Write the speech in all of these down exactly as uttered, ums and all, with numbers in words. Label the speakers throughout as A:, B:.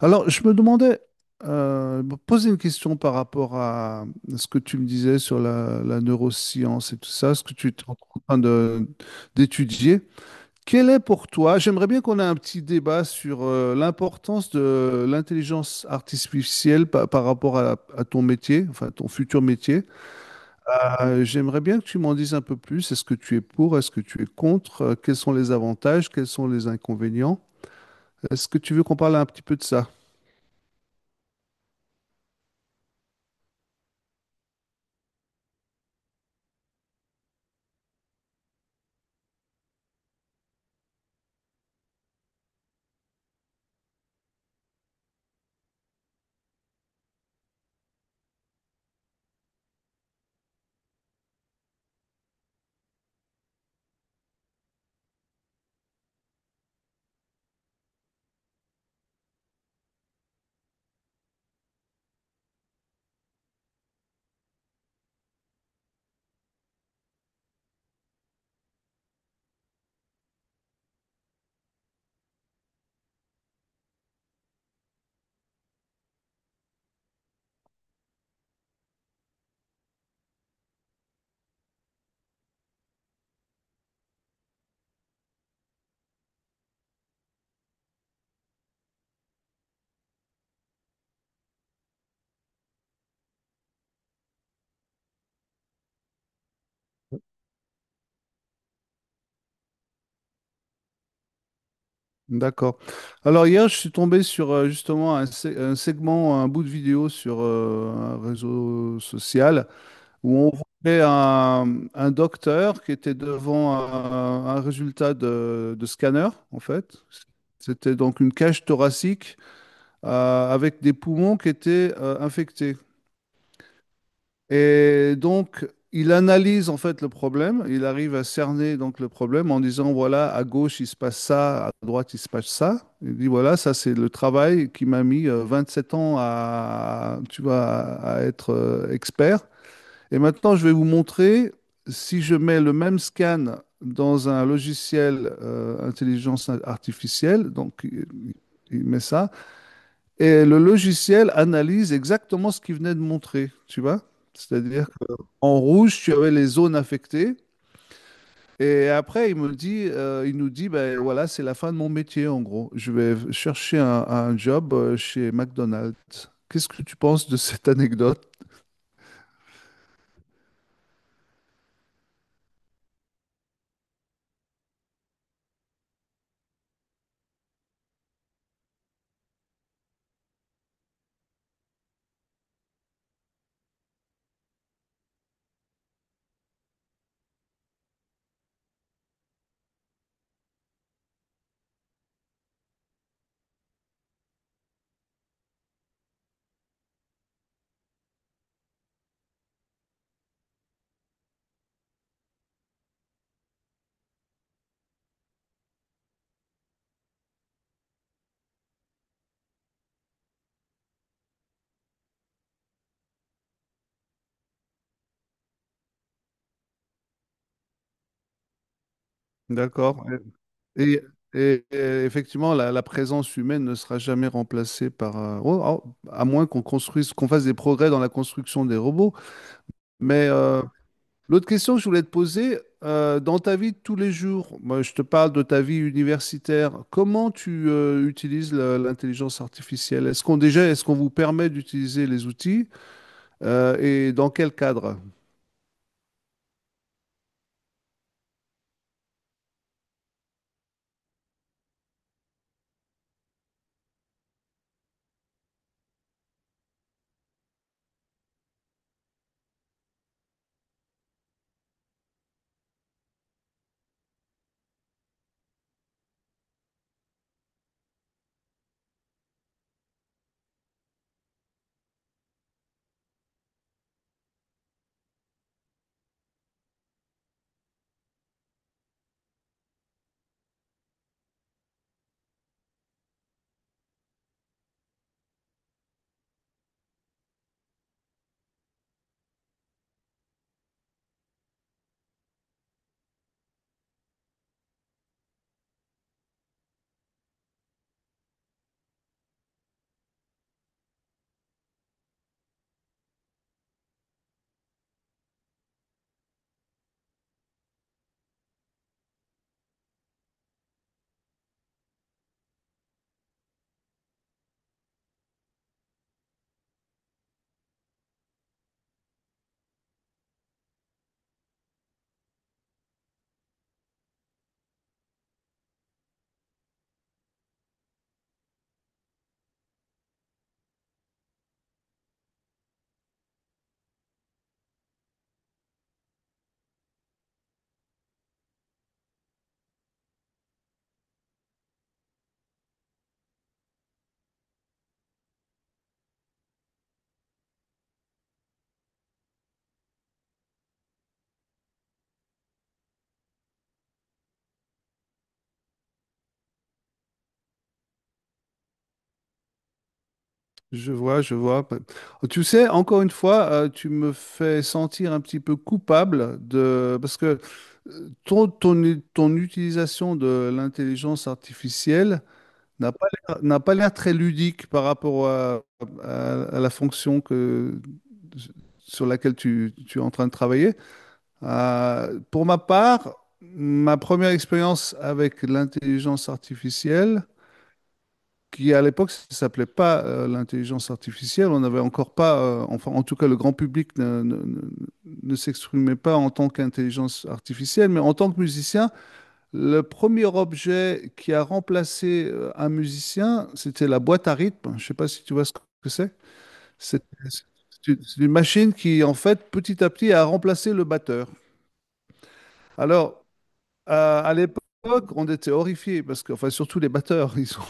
A: Alors, je me demandais, euh, me poser une question par rapport à ce que tu me disais sur la, la neuroscience et tout ça, ce que tu es en train de- d'étudier. Quel est pour toi, j'aimerais bien qu'on ait un petit débat sur euh, l'importance de l'intelligence artificielle pa- par, rapport à, à ton métier, enfin ton futur métier. Euh, j'aimerais bien que tu m'en dises un peu plus. Est-ce que tu es pour? Est-ce que tu es contre? Euh, Quels sont les avantages? Quels sont les inconvénients? Est-ce que tu veux qu'on parle un petit peu de ça? D'accord. Alors hier, je suis tombé sur euh, justement un, sé- un segment, un bout de vidéo sur euh, un réseau social où on voyait un, un docteur qui était devant un, un résultat de, de scanner, en fait. C'était donc une cage thoracique euh, avec des poumons qui étaient euh, infectés. Et donc, il analyse en fait le problème, il arrive à cerner donc le problème en disant, voilà, à gauche, il se passe ça, à droite, il se passe ça. Il dit, voilà, ça, c'est le travail qui m'a mis euh, sept ans à, tu vois, à être euh, expert. Et maintenant, je vais vous montrer, si je mets le même scan dans un logiciel euh, intelligence artificielle, donc il il met ça, et le logiciel analyse exactement ce qu'il venait de montrer, tu vois? C'est-à-dire en rouge, tu avais les zones affectées. Et après, il me dit, euh, il nous dit, ben voilà, c'est la fin de mon métier, en gros. Je vais chercher un, un job euh, chez McDonald's. Qu'est-ce que tu penses de cette anecdote? D'accord. Et, et- et effectivement, la, la présence humaine ne sera jamais remplacée par, euh, oh, oh, à moins qu'on construise, qu'on fasse des progrès dans la construction des robots. Mais euh, l'autre question que je voulais te poser, euh, dans ta vie de tous les jours, moi, je te parle de ta vie universitaire, comment tu euh, utilises la- l'intelligence artificielle? Est-ce qu'on déjà, est-ce qu'on vous permet d'utiliser les outils euh, et dans quel cadre? Je vois, je vois. Tu sais, encore une fois, euh, tu me fais sentir un petit peu coupable de parce que ton, ton, ton utilisation de l'intelligence artificielle n'a pas l'air, n'a pas l'air très ludique par rapport à, à- à la fonction que, sur laquelle tu, tu es en train de travailler. Euh, pour ma part, ma première expérience avec l'intelligence artificielle, qui à l'époque ça s'appelait pas euh, l'intelligence artificielle, on n'avait encore pas, euh, enfin en tout cas le grand public ne, ne- ne- ne s'exprimait pas en tant qu'intelligence artificielle, mais en tant que musicien, le premier objet qui a remplacé euh, un musicien, c'était la boîte à rythme. Je ne sais pas si tu vois ce que c'est. C'est c'est une c'est une machine qui, en fait, petit à petit, a remplacé le batteur. Alors, euh, à l'époque, on était horrifiés parce que, enfin, surtout les batteurs, ils sont,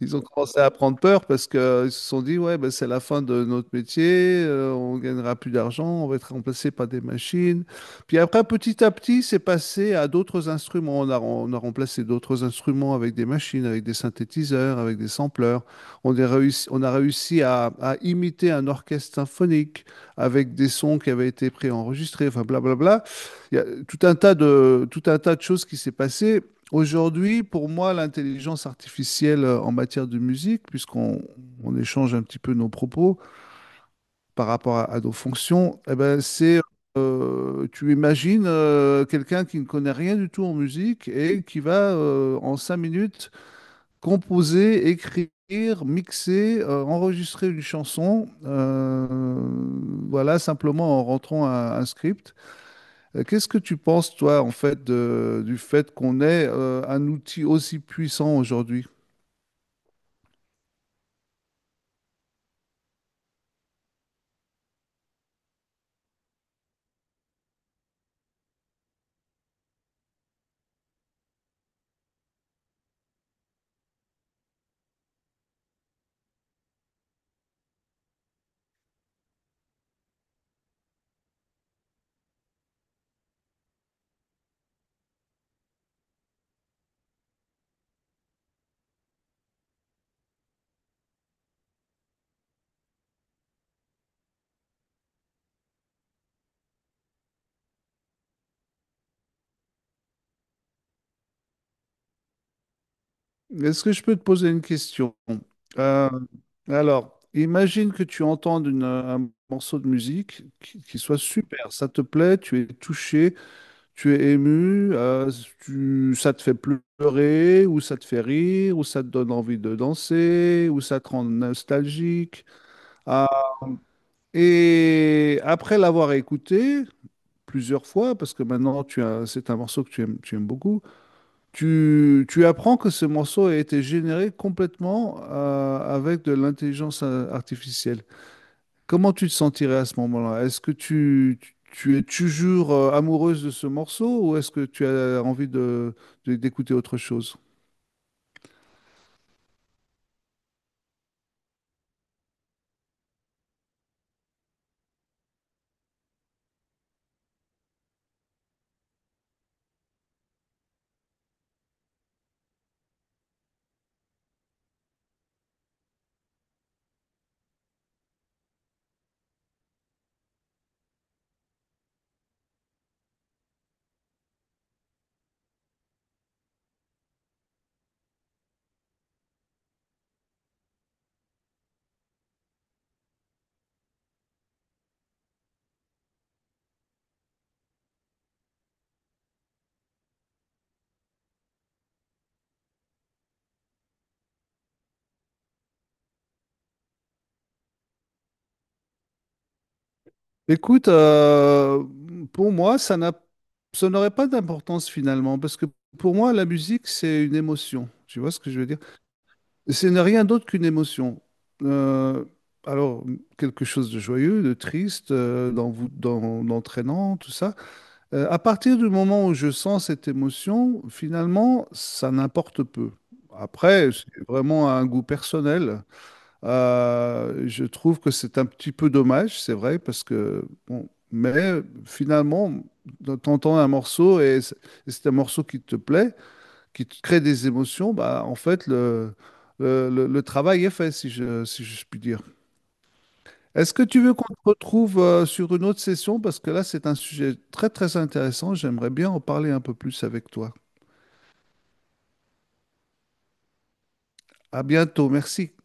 A: ils ont commencé à prendre peur parce qu'ils se sont dit, ouais, ben, c'est la fin de notre métier, euh, on gagnera plus d'argent, on va être remplacé par des machines. Puis après, petit à petit, c'est passé à d'autres instruments. On a, on a remplacé d'autres instruments avec des machines, avec des synthétiseurs, avec des sampleurs. On est réussi- on a réussi à, à imiter un orchestre symphonique avec des sons qui avaient été préenregistrés, enfin, blablabla. Il y a tout un tas de, tout un tas de choses qui s'est passé. Aujourd'hui, pour moi, l'intelligence artificielle euh, en matière de musique, puisqu'on on échange un petit peu nos propos par rapport à, à nos fonctions, eh ben, c'est, euh, tu imagines euh, quelqu'un qui ne connaît rien du tout en musique et qui va euh, en cinq minutes composer, écrire, mixer, euh, enregistrer une chanson, euh, voilà, simplement en rentrant un un script. Euh, Qu'est-ce que tu penses, toi, en fait, de- du fait qu'on ait euh, un outil aussi puissant aujourd'hui? Est-ce que je peux te poser une question? Euh, alors, imagine que tu entends une- un morceau de musique qui, qui soit super, ça te plaît, tu es touché, tu es ému, euh, tu- ça te fait pleurer, ou ça te fait rire, ou ça te donne envie de danser, ou ça te rend nostalgique. Ah, et après l'avoir écouté, plusieurs fois, parce que maintenant tu as, c'est un morceau que tu aimes, tu aimes beaucoup, tu, tu apprends que ce morceau a été généré complètement euh, avec de l'intelligence euh, artificielle. Comment tu te sentirais à ce moment-là? Est-ce que tu, tu tu es toujours euh, amoureuse de ce morceau ou est-ce que tu as envie de, de- d'écouter autre chose? Écoute, euh, pour moi, ça n'a, ça n'aurait pas d'importance finalement, parce que pour moi, la musique, c'est une émotion. Tu vois ce que je veux dire? Ce n'est rien d'autre qu'une émotion. Euh, alors, quelque chose de joyeux, de triste, euh, d'envou- d'en- d'entraînant, tout ça. Euh, à partir du moment où je sens cette émotion, finalement, ça n'importe peu. Après, c'est vraiment un goût personnel. Euh, je trouve que c'est un petit peu dommage, c'est vrai, parce que, bon, mais finalement, t'entends un morceau et c'est c'est un morceau qui te plaît qui te crée des émotions, bah, en fait, le, le, le- le travail est fait, si je, si je puis dire. Est-ce que tu veux qu'on te retrouve euh, sur une autre session? Parce que là, c'est un sujet très, très intéressant. J'aimerais bien en parler un peu plus avec toi. À bientôt. Merci.